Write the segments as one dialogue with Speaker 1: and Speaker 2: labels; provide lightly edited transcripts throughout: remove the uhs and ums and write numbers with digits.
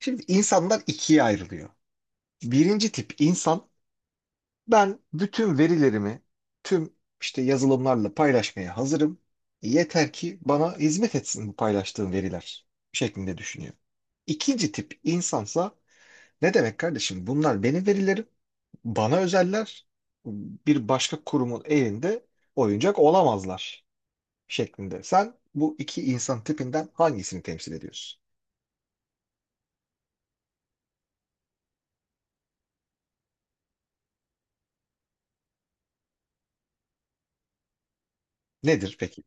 Speaker 1: Şimdi insanlar ikiye ayrılıyor. Birinci tip insan ben bütün verilerimi tüm işte yazılımlarla paylaşmaya hazırım. Yeter ki bana hizmet etsin bu paylaştığım veriler şeklinde düşünüyor. İkinci tip insansa ne demek kardeşim bunlar benim verilerim, bana özeller, bir başka kurumun elinde oyuncak olamazlar şeklinde. Sen bu iki insan tipinden hangisini temsil ediyorsun? Nedir peki?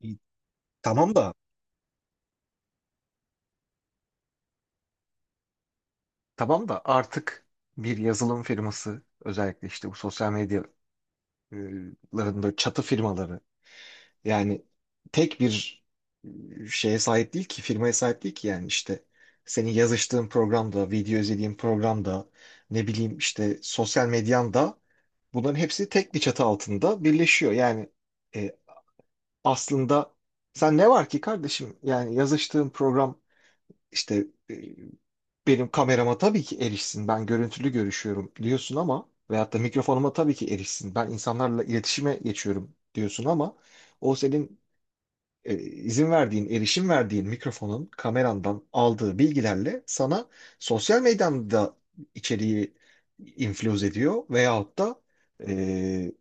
Speaker 1: İ- Tamam da Tamam da artık bir yazılım firması özellikle işte bu sosyal medyaların böyle çatı firmaları yani tek bir şeye sahip değil ki firmaya sahip değil ki yani işte senin yazıştığın programda, video izlediğin programda ne bileyim işte sosyal medyanda bunların hepsi tek bir çatı altında birleşiyor. Yani e, aslında sen ne var ki kardeşim yani yazıştığın program işte benim kamerama tabii ki erişsin. Ben görüntülü görüşüyorum diyorsun ama veyahut da mikrofonuma tabii ki erişsin. Ben insanlarla iletişime geçiyorum diyorsun ama o senin izin verdiğin, erişim verdiğin mikrofonun kamerandan aldığı bilgilerle sana sosyal medyada içeriği infiluz ediyor veyahut da e,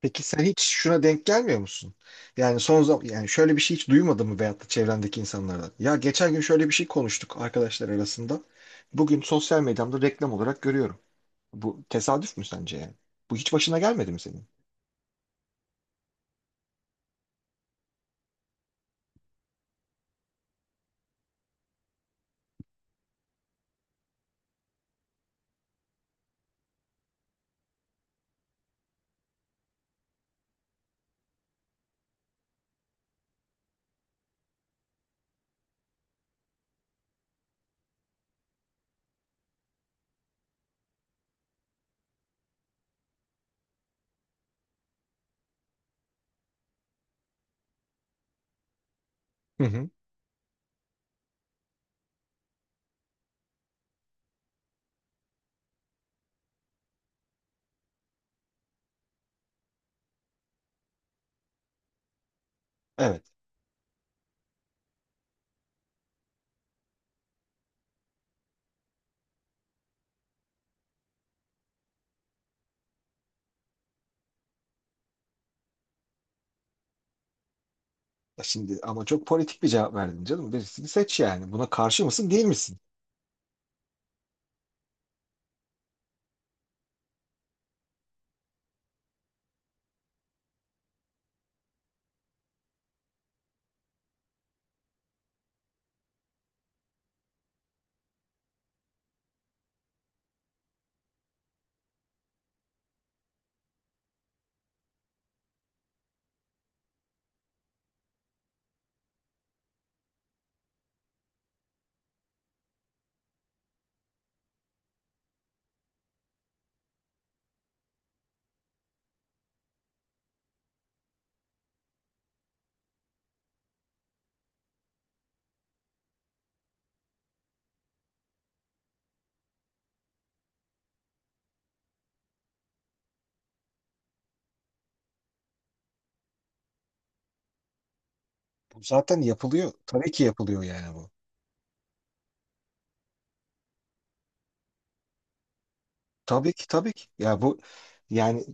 Speaker 1: peki sen hiç şuna denk gelmiyor musun? Yani son zaman yani şöyle bir şey hiç duymadın mı veyahut da çevrendeki insanlardan? Ya geçen gün şöyle bir şey konuştuk arkadaşlar arasında. Bugün sosyal medyamda reklam olarak görüyorum. Bu tesadüf mü sence yani? Bu hiç başına gelmedi mi senin? Hı hı. Evet. Ya şimdi ama çok politik bir cevap verdin canım. Birisini seç yani. Buna karşı mısın, değil misin? Bu zaten yapılıyor. Tabii ki yapılıyor yani bu. Tabii ki tabii ki. Ya bu yani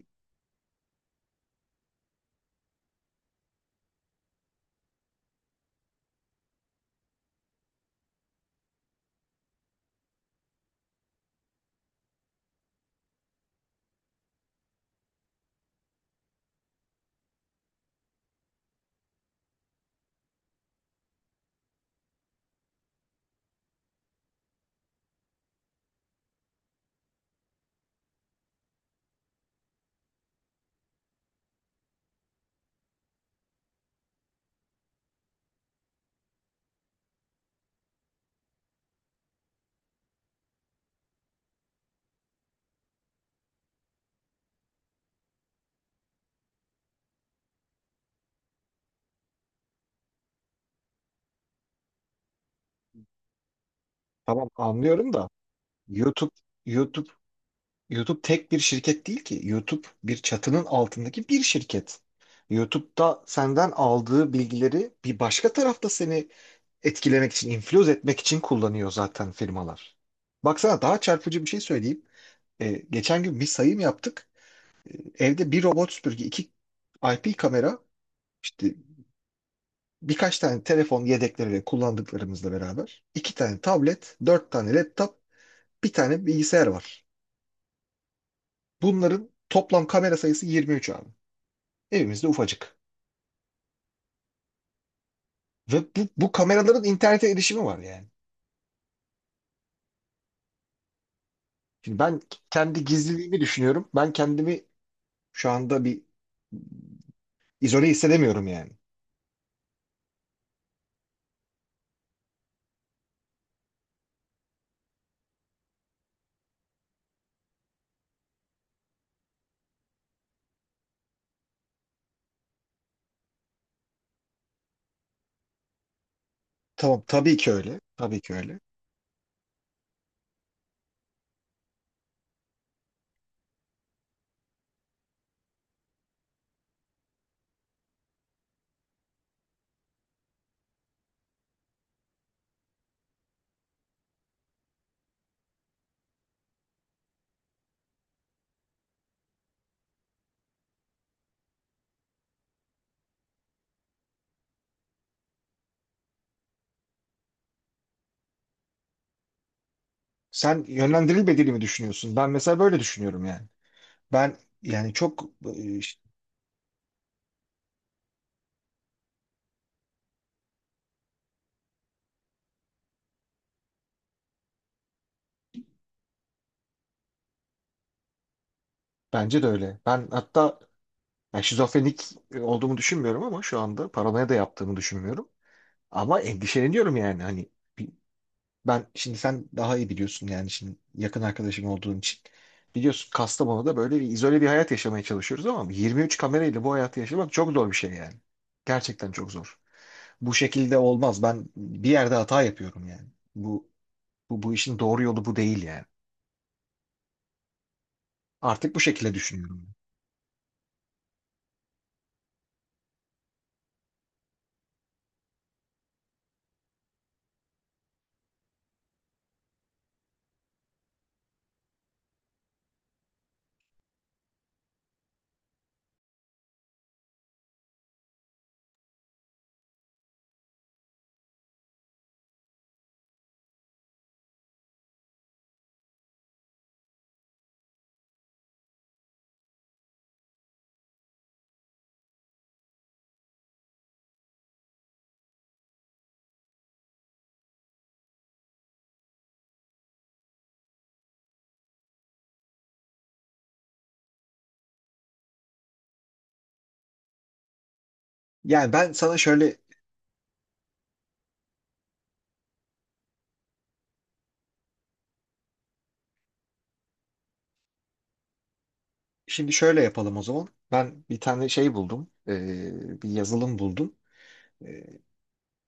Speaker 1: tamam anlıyorum da YouTube YouTube YouTube tek bir şirket değil ki. YouTube bir çatının altındaki bir şirket. YouTube'da senden aldığı bilgileri bir başka tarafta seni etkilemek için, influence etmek için kullanıyor zaten firmalar. Baksana daha çarpıcı bir şey söyleyeyim. Geçen gün bir sayım yaptık. Evde bir robot süpürge, iki IP kamera, işte birkaç tane telefon yedekleri ve kullandıklarımızla beraber, iki tane tablet, dört tane laptop, bir tane bilgisayar var. Bunların toplam kamera sayısı 23 abi. Evimizde ufacık. Ve bu kameraların internete erişimi var yani. Şimdi ben kendi gizliliğimi düşünüyorum. Ben kendimi şu anda bir izole hissedemiyorum yani. Tamam tabii ki öyle. Tabii ki öyle. Sen yönlendirilmediğini mi düşünüyorsun? Ben mesela böyle düşünüyorum yani. Ben yani çok işte, bence de öyle. Ben hatta yani şizofrenik olduğumu düşünmüyorum ama şu anda paranoya da yaptığımı düşünmüyorum. Ama endişeleniyorum yani hani bir ben şimdi sen daha iyi biliyorsun yani şimdi yakın arkadaşım olduğun için. Biliyorsun Kastamonu'da böyle bir izole bir hayat yaşamaya çalışıyoruz ama 23 kamerayla bu hayatı yaşamak çok zor bir şey yani. Gerçekten çok zor. Bu şekilde olmaz. Ben bir yerde hata yapıyorum yani. Bu bu işin doğru yolu bu değil yani. Artık bu şekilde düşünüyorum. Yani ben sana şöyle Şimdi şöyle yapalım o zaman. Ben bir tane şey buldum. Bir yazılım buldum. Ee,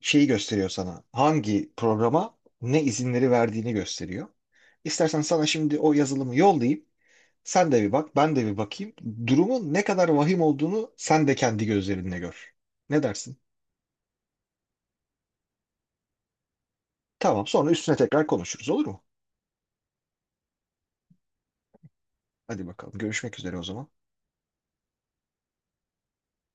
Speaker 1: şeyi gösteriyor sana. Hangi programa ne izinleri verdiğini gösteriyor. İstersen sana şimdi o yazılımı yollayayım. Sen de bir bak, ben de bir bakayım. Durumun ne kadar vahim olduğunu sen de kendi gözlerinle gör. Ne dersin? Tamam, sonra üstüne tekrar konuşuruz olur mu? Hadi bakalım, görüşmek üzere o zaman.